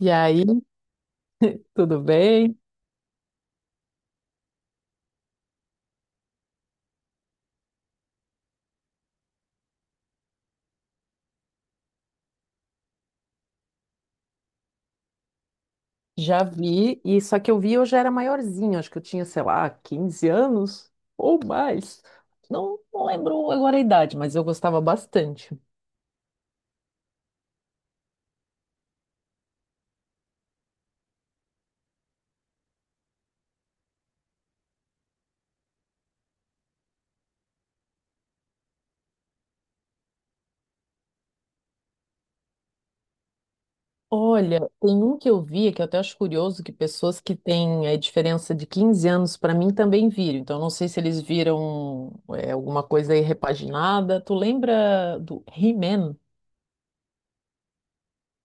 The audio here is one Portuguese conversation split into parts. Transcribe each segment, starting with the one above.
E aí, tudo bem? Já vi, e só que eu vi eu já era maiorzinha, acho que eu tinha, sei lá, 15 anos ou mais. Não, não lembro agora a idade, mas eu gostava bastante. Olha, tem um que eu vi que eu até acho curioso que pessoas que têm a diferença de 15 anos para mim também viram. Então, não sei se eles viram alguma coisa aí repaginada. Tu lembra do He-Man?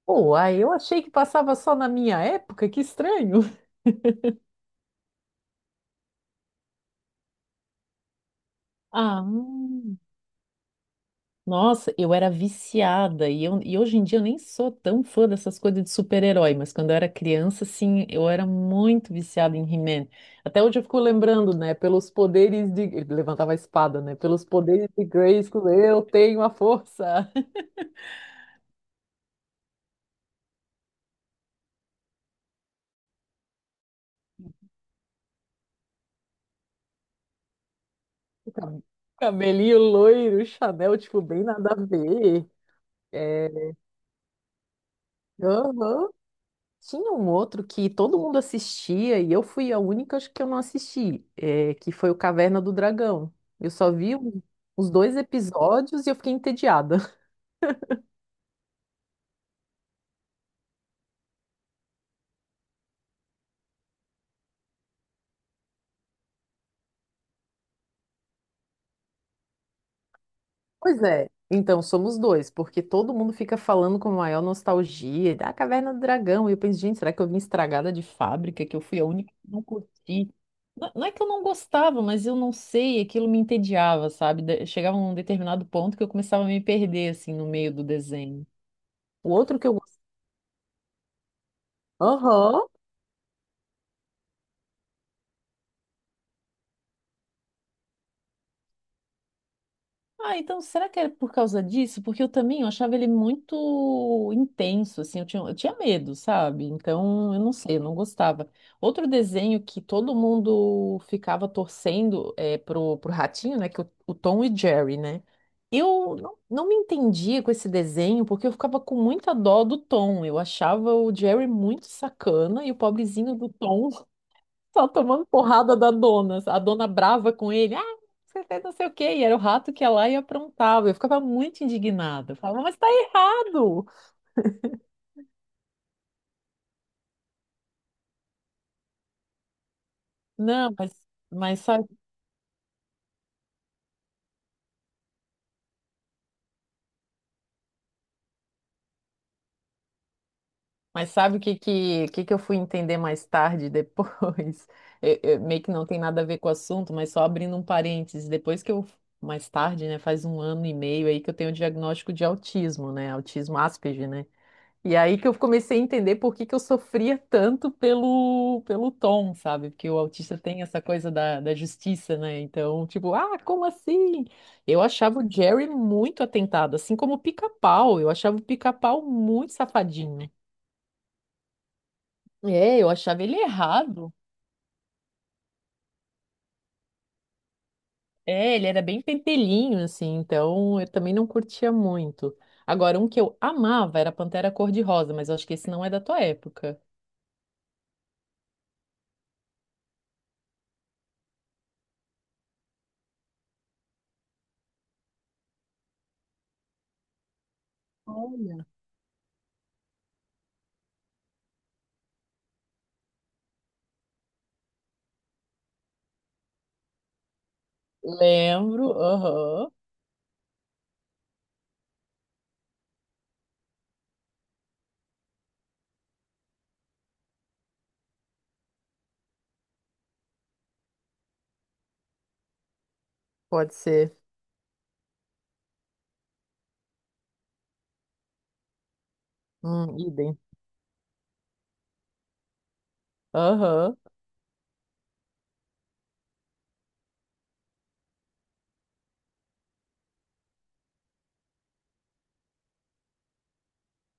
Pô, aí eu achei que passava só na minha época, que estranho. Ah, nossa, eu era viciada e hoje em dia eu nem sou tão fã dessas coisas de super-herói, mas quando eu era criança, assim, eu era muito viciada em He-Man. Até hoje eu fico lembrando, né, pelos poderes de. Ele levantava a espada, né? Pelos poderes de Grayskull, eu tenho a força. Cab- Cabelinho loiro, Chanel, tipo, bem nada a ver. É, aham. Tinha um outro que todo mundo assistia e eu fui a única, acho que eu não assisti, que foi o Caverna do Dragão. Eu só vi os dois episódios e eu fiquei entediada. Pois é. Então, somos dois, porque todo mundo fica falando com maior nostalgia da Caverna do Dragão. E eu penso, gente, será que eu vim estragada de fábrica, que eu fui a única que não curti? Não, não é que eu não gostava, mas eu não sei, aquilo me entediava, sabe? Chegava num determinado ponto que eu começava a me perder, assim, no meio do desenho. O outro que eu gostava. Ah, então será que é por causa disso? Porque eu também eu achava ele muito intenso, assim, eu tinha medo, sabe? Então, eu não sei, eu não gostava. Outro desenho que todo mundo ficava torcendo pro ratinho, né? Que o Tom e Jerry, né? Eu não me entendia com esse desenho, porque eu ficava com muita dó do Tom. Eu achava o Jerry muito sacana e o pobrezinho do Tom só tomando porrada da dona. A dona brava com ele. Ah, você fez não sei o quê. E era o rato que ia lá e aprontava. Eu ficava muito indignada. Eu falava, mas tá errado. Não, mas sabe, mas sabe o que eu fui entender mais tarde, depois? Meio que não tem nada a ver com o assunto, mas só abrindo um parênteses. Mais tarde, né, faz um ano e meio aí que eu tenho o diagnóstico de autismo, né? Autismo Asperger, né? E aí que eu comecei a entender por que que eu sofria tanto pelo tom, sabe? Porque o autista tem essa coisa da justiça, né? Então, tipo, ah, como assim? Eu achava o Jerry muito atentado, assim como o Pica-Pau. Eu achava o Pica-Pau muito safadinho. É, eu achava ele errado. É, ele era bem pentelhinho, assim, então eu também não curtia muito. Agora, um que eu amava era Pantera Cor-de-Rosa, mas eu acho que esse não é da tua época. Olha. Lembro, aham. Pode ser. Idem. Aham.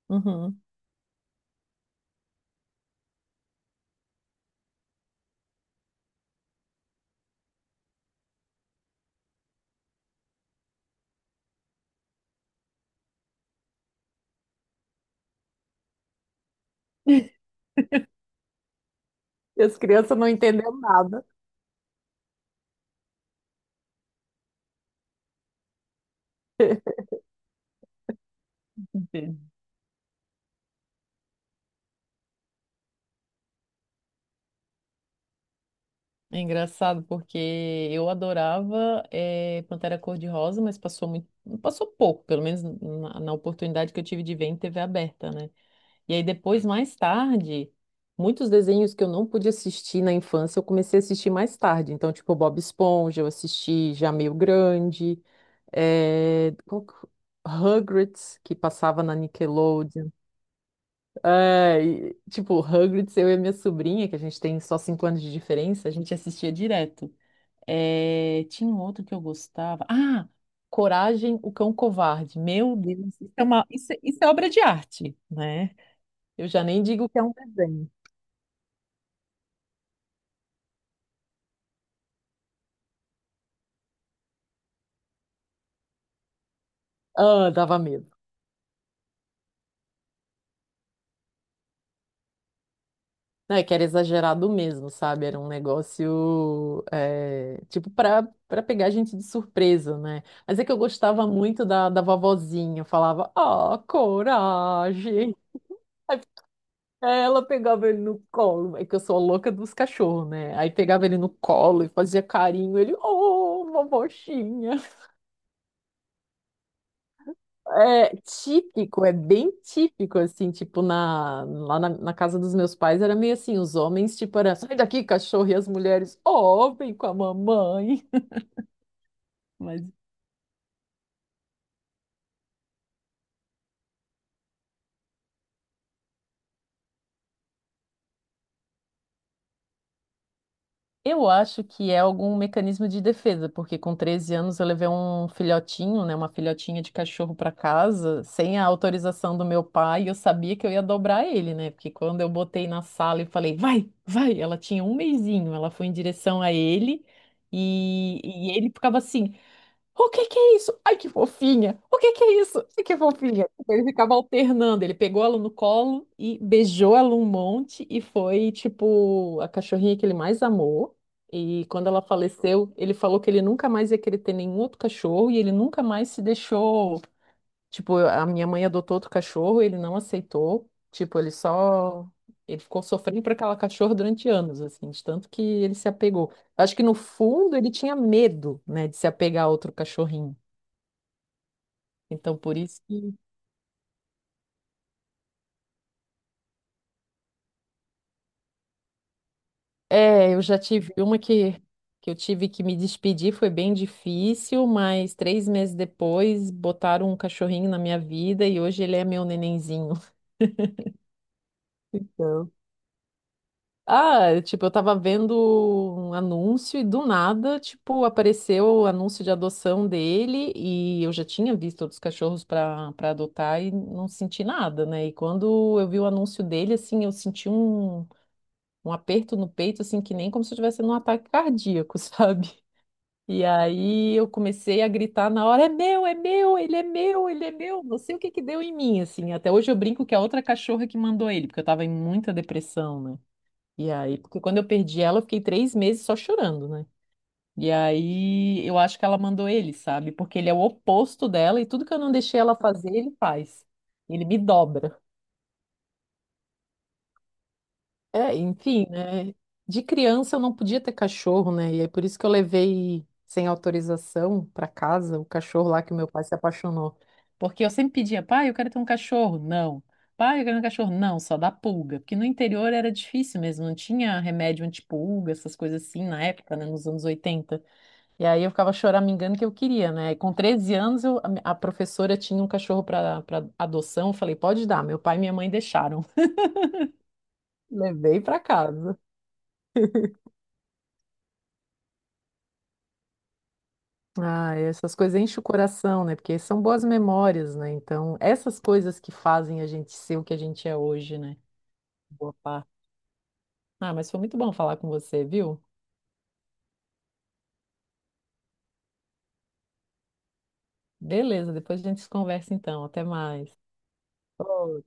Uhum. E as crianças não entenderam nada. Entendi. É engraçado porque eu adorava Pantera Cor-de-Rosa, mas passou muito, passou pouco, pelo menos na, na oportunidade que eu tive de ver em TV aberta, né? E aí depois, mais tarde, muitos desenhos que eu não pude assistir na infância, eu comecei a assistir mais tarde. Então, tipo, Bob Esponja, eu assisti já meio grande, eh, qual que- Rugrats, que passava na Nickelodeon. É, e, tipo, Hagrid, eu e a minha sobrinha, que a gente tem só 5 anos de diferença, a gente assistia direto. É, tinha um outro que eu gostava. Ah, Coragem, o Cão Covarde. Meu Deus, isso é obra de arte, né? Eu já nem digo que é um desenho. Ah, dava medo. Não, é que era exagerado mesmo, sabe? Era um negócio, é, tipo, pra, pra pegar a gente de surpresa, né? Mas é que eu gostava muito da vovozinha. Eu falava, ah, coragem. É, ela pegava ele no colo, é que eu sou a louca dos cachorros, né? Aí pegava ele no colo e fazia carinho, ele, oh, bobochinha. É típico, é bem típico, assim, tipo, lá na casa dos meus pais era meio assim, os homens, tipo, era, sai daqui, cachorro, e as mulheres, oh, vem com a mamãe. Mas eu acho que é algum mecanismo de defesa, porque com 13 anos eu levei um filhotinho, né, uma filhotinha de cachorro para casa, sem a autorização do meu pai, e eu sabia que eu ia dobrar ele, né? Porque quando eu botei na sala e falei, vai, vai, ela tinha um mesinho, ela foi em direção a ele, e ele ficava assim. O que que é isso? Ai, que fofinha! O que que é isso? Ai, que fofinha! Ele ficava alternando, ele pegou ela no colo e beijou ela um monte e foi, tipo, a cachorrinha que ele mais amou. E quando ela faleceu, ele falou que ele nunca mais ia querer ter nenhum outro cachorro e ele nunca mais se deixou. Tipo, a minha mãe adotou outro cachorro, ele não aceitou. Tipo, ele só. Ele ficou sofrendo por aquela cachorra durante anos, assim, de tanto que ele se apegou. Acho que no fundo ele tinha medo, né, de se apegar a outro cachorrinho. Então, por isso que. É, eu já tive uma que eu tive que me despedir, foi bem difícil, mas 3 meses depois botaram um cachorrinho na minha vida e hoje ele é meu nenenzinho. Ah, tipo, eu tava vendo um anúncio e do nada, tipo, apareceu o anúncio de adoção dele e eu já tinha visto outros cachorros para adotar e não senti nada, né? E quando eu vi o anúncio dele, assim, eu senti um aperto no peito, assim, que nem como se eu estivesse num ataque cardíaco, sabe? E aí eu comecei a gritar na hora, é meu, ele é meu, ele é meu. Não sei o que que deu em mim, assim. Até hoje eu brinco que é a outra cachorra que mandou ele, porque eu tava em muita depressão, né? E aí, porque quando eu perdi ela, eu fiquei 3 meses só chorando, né? E aí, eu acho que ela mandou ele, sabe? Porque ele é o oposto dela e tudo que eu não deixei ela fazer, ele faz. Ele me dobra. É, enfim, né? De criança eu não podia ter cachorro, né? E é por isso que eu levei sem autorização para casa o cachorro lá que o meu pai se apaixonou. Porque eu sempre pedia, pai, eu quero ter um cachorro. Não. Pai, eu quero um cachorro. Não, só dá pulga. Porque no interior era difícil mesmo, não tinha remédio antipulga, essas coisas assim na época, né? Nos anos 80. E aí eu ficava choramingando que eu queria, né? E com 13 anos eu- a professora tinha um cachorro para adoção. Eu falei, pode dar. Meu pai e minha mãe deixaram. Levei para casa. Ah, essas coisas enchem o coração, né? Porque são boas memórias, né? Então, essas coisas que fazem a gente ser o que a gente é hoje, né? Boa parte. Ah, mas foi muito bom falar com você, viu? Beleza, depois a gente se conversa então. Até mais. Ô,